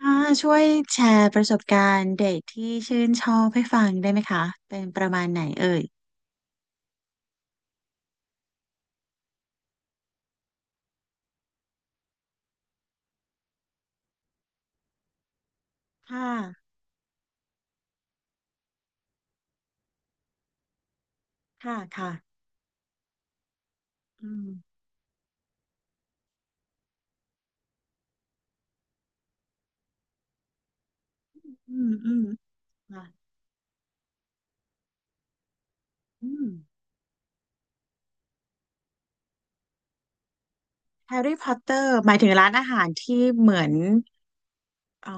ค่ะช่วยแชร์ประสบการณ์เด็กที่ชื่นชอบให้ฟังได้ไหมคะเป็นประมาณไหนเอ่ยค่ะค่ะค่ะอืมอืมอืมค่ะอืมแฮร์รี่พอตเตอร์หมายถึงร้านอาหารที่เหมือนอ๋อ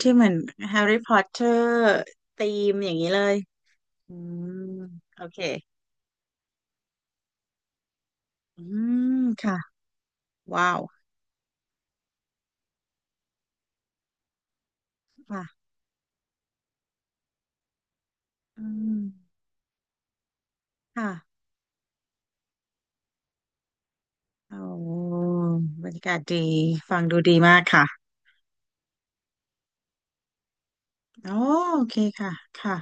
ที่เหมือนแฮร์รี่พอตเตอร์ธีมอย่างนี้เลยอืมโอเคอืมค่ะว้าวค่ะอืมค่ะโอ้บรรยากาศดีฟังดูดีมากค่ะโอโอเคค่ะค่ะ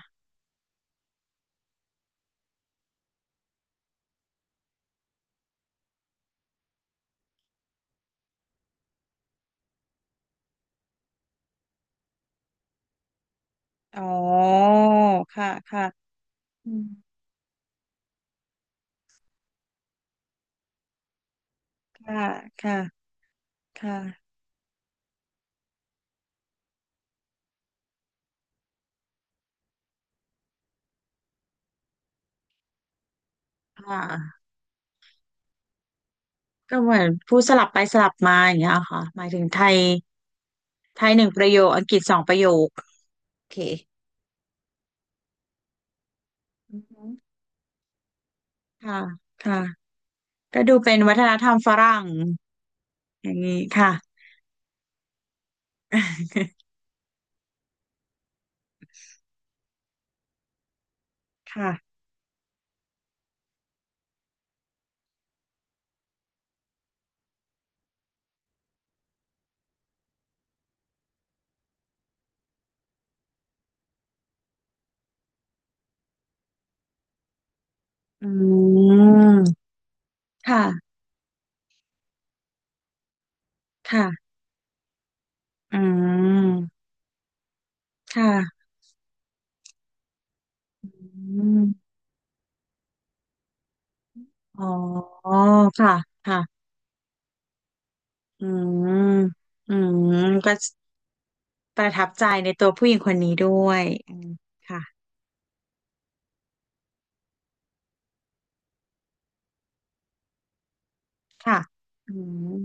อ๋อค่ะค่ะอืมค่ะ ค่ะ ค่ะ ค่ะก็เหมือนพูดสลับไปสลับมาอย่างเงี้ยค่ะหมายถึงไทยไทยหนึ่งประโยคอังกฤษสองประโยคโอเคอือฮึค่ะค่ะก็ดูเป็นวัฒนธรรมฝรั่งอย่างนี้ค่ะ ค่ะอืมค่ะค่ะอืมค่ะอืมอ๋อค่ะค่ะอืมอืมก็ ประทับใจในตัวผู้หญิงคนนี้ด้วยอืมค่ะค่ะอืม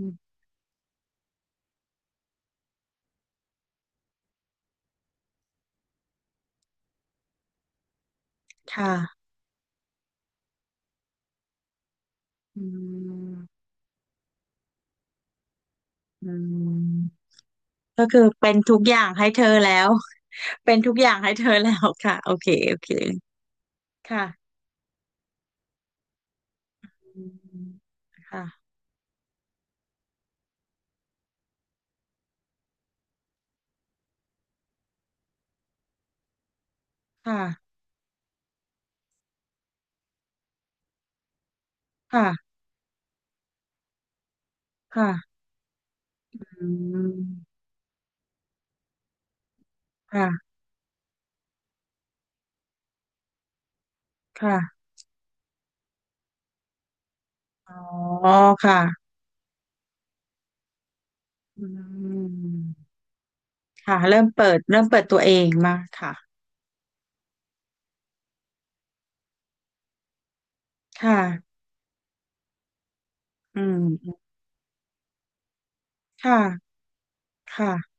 ค่ะอืมอืมก็คือเป็นทุกอย่างให้เธอแล้ว เป็นทุกอย่างให้เธอแล้วค่ะโอเคโอเคค่ะอืมค่ะค่ะค่ะค่ะอืมค่ะค่ะอ๋อค่ะอืมค่ะเริ่มเปิดเริ่มเปิดตัวเองมากค่ะค่ะอืมค่ะค่ะ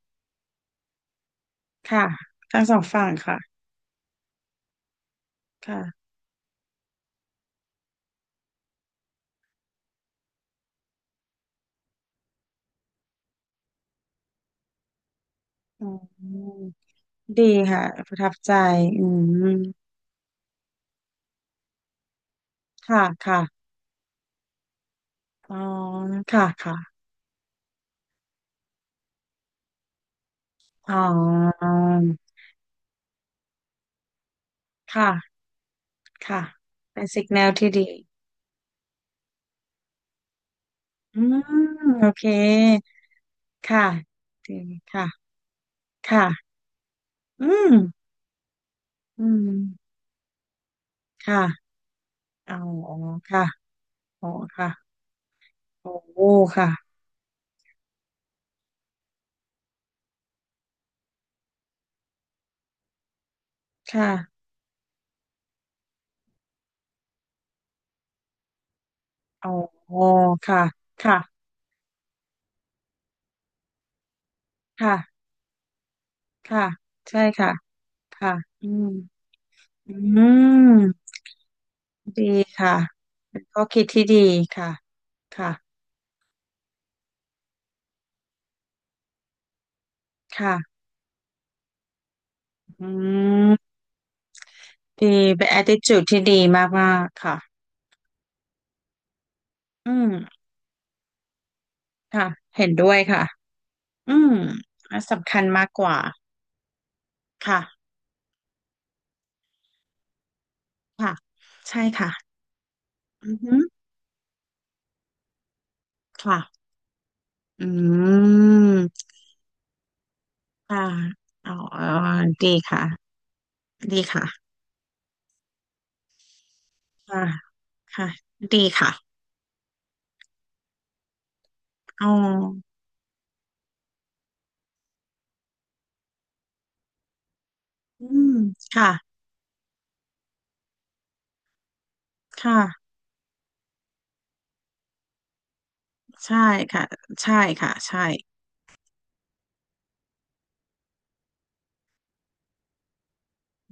ค่ะทั้งสองฝั่งค่ะ ค่ะอ๋อดีค่ะประทับใจอืม ค่ะค่ะอ๋อค่ะ ค่ะอ๋อค่ะค่ะเป็นสิกแนลที่ดีอืม โอเค ค่ะดีค่ะค่ะอืมอืมค่ะอ๋อค่ะอ๋อค่ะโอ้ค่ะค่ะอ๋อค่ะ ค่ะ ค่ะ ค่ะ ใช่ค่ะ ค่ะ อืมอืม ดีค่ะเป็นข้อคิดที่ดีค่ะค่ะค่ะอืมดีเป็น attitude ที่ดีมากๆค่ะอืมค่ะเห็นด้วยค่ะอืมอันสำคัญมากกว่าค่ะค่ะใช่ค่ะอือฮึค่ะอืมค่ะอ๋อดีค่ะดีค่ะค่ะค่ะดีค่ะอ๋ออืมค่ะค่ะใช่ค่ะใช่ค่ะใช่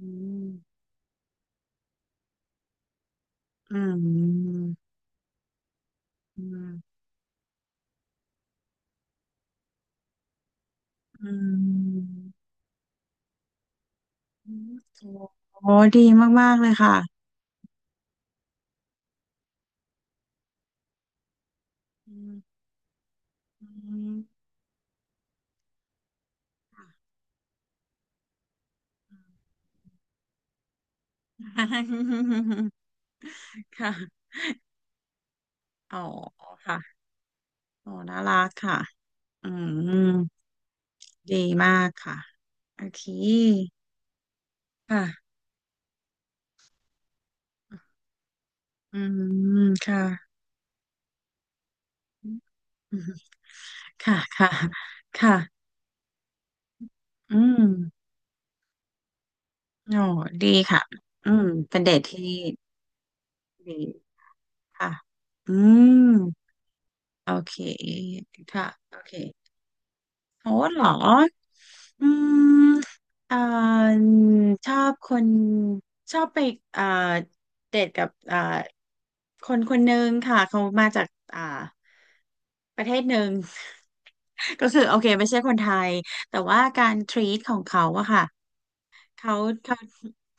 อืม อืมอืมอืมอืมโอ้ดีมากๆเลยค่ะอืมอืมค่ะค่ะอ๋อค่ะโอ้น่ารักค่ะอืมดีมากค่ะโอเคค่ะอืมค่ะอืมค่ะค่ะค่ะอืมโอ้ดีค่ะอืมเป็นเดทที่ดีค่ะอืม โอเคค่ะโอเคโหเหรออืมอ่าชอบคนชอบไปอ่าเดทกับคนคนหนึ่งค่ะเขามาจากอ่าประเทศหนึ่ง ก็คือโอเคไม่ใช่คนไทยแต่ว่าการทรีตของเขาอะค่ะ เขาเขา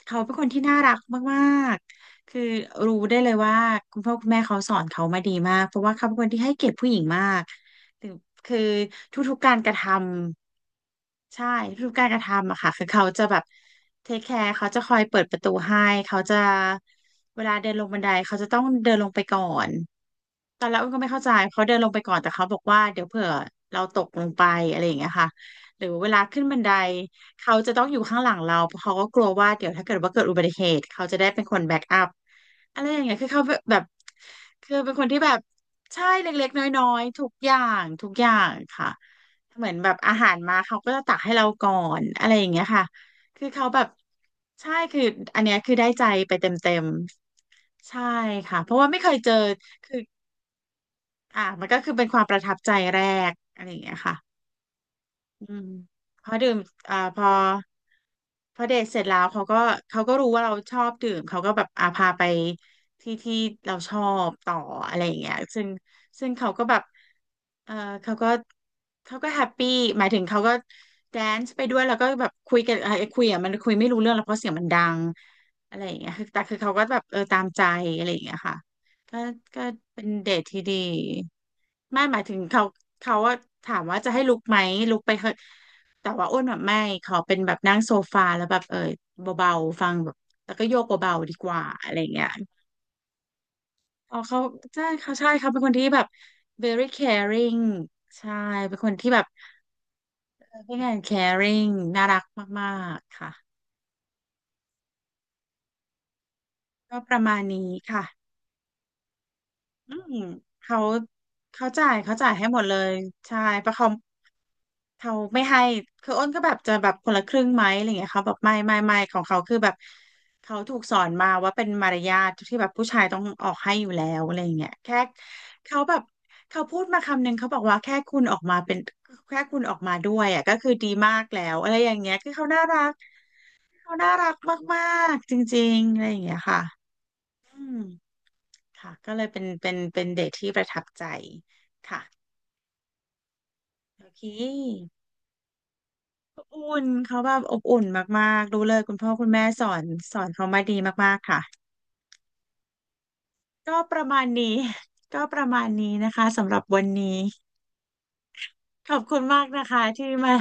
เขาเป็นคนที่น่ารักมากๆคือรู้ได้เลยว่าคุณพ่อคุณแม่เขาสอนเขามาดีมากเพราะว่าเขาเป็นคนที่ให้เกียรติผู้หญิงมากคือคือทุกๆการกระทำใช่ทุกๆการกระทำอะค่ะคือเขาจะแบบเทคแคร์เขาจะคอยเปิดประตูให้เขาจะเวลาเดินลงบันไดเขาจะต้องเดินลงไปก่อน ตอนแรกอ้นก็ไม่เข้าใจเขาเดินลงไปก่อนแต่เขาบอกว่าเดี๋ยวเผื่อเราตกลงไปอะไรอย่างเงี้ยค่ะหรือเวลาขึ้นบันไดเขาจะต้องอยู่ข้างหลังเราเพราะเขาก็กลัวว่าเดี๋ยวถ้าเกิดว่าเกิดอุบัติเหตุเขาจะได้เป็นคนแบ็กอัพอะไรอย่างเงี้ยคือเขาแบบคือเป็นคนที่แบบใช่เล็กๆน้อยๆทุกอย่างทุกอย่างค่ะเหมือนแบบอาหารมาเขาก็จะตักให้เราก่อนอะไรอย่างเงี้ยค่ะคือเขาแบบใช่คืออันเนี้ยคือได้ใจไปเต็มๆใช่ค่ะเพราะว่าไม่เคยเจอ อ่ะมันก็คือเป็นความประทับใจแรกอะไรอย่างเงี้ยค่ะอืมพอดื่มอ่าพอพอเดทเสร็จแล้วเขาก็เขาก็รู้ว่าเราชอบดื่มเขาก็แบบอาพาไปที่ที่เราชอบต่ออะไรอย่างเงี้ยซึ่งเขาก็แบบเออเขาก็เขาก็แฮปปี้หมายถึงเขาก็แดนซ์ไปด้วยแล้วก็แบบคุยกันคุยอ่ะมันคุยไม่รู้เรื่องแล้วเพราะเสียงมันดังอะไรอย่างเงี้ยคือแต่คือเขาก็แบบเออตามใจอะไรอย่างเงี้ยค่ะ ก็ก็เป็นเดทที่ดีไม่หมายถึงเขาเขาว่าถามว่าจะให้ลุกไหมลุกไปเถอะแต่ว่าอ้วนแบบไม่ขอเป็นแบบนั่งโซฟาแล้วแบบเออเบาๆฟังแบบแล้วก็โยกเบาๆดีกว่าอะไรอย่างเงี้ยอ๋อเขาใช่เขาใช่เขาเป็นคนที่แบบ very caring ใช่เป็นคนที่แบบเป็นคน caring น่ารักมากๆค่ะก็ประมาณนี้ค่ะอืมเขาเขาจ่ายเขาจ่ายให้หมดเลยใช่เพราะเขา เขาไม่ให้คืออ้นก็แบบจะแบบคนละครึ่งไหมอะไรเงี้ยเขาแบบไม่ของเขาคือแบบเขาถูกสอนมาว่าเป็นมารยาทที่แบบผู้ชายต้องออกให้อยู่แล้วอะไรเงี้ยแค่เขาแบบเขาพูดมาคำหนึ่งเขาบอกว่าแค่คุณออกมาเป็นแค่คุณออกมาด้วยอ่ะก็คือดีมากแล้วอะไรอย่างเงี้ยคือเขาน่ารักเขาน่ารักมากๆจริงๆอะไรอย่างเงี้ยค่ะอืมค่ะก็เลยเป็นเดทที่ประทับใจค่ะโอเค อุ่นเขาแบบอบอุ่นมากๆรู้เลยคุณพ่อคุณแม่สอนสอนเขามาดีมากๆค่ะก็ประมาณนี้ ก็ประมาณนี้นะคะสำหรับวันนี้ขอบคุณมากนะคะที่มา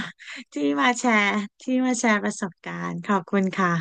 ที่มาแชร์ที่มาแชร์ประสบการณ์ขอบคุณค่ะ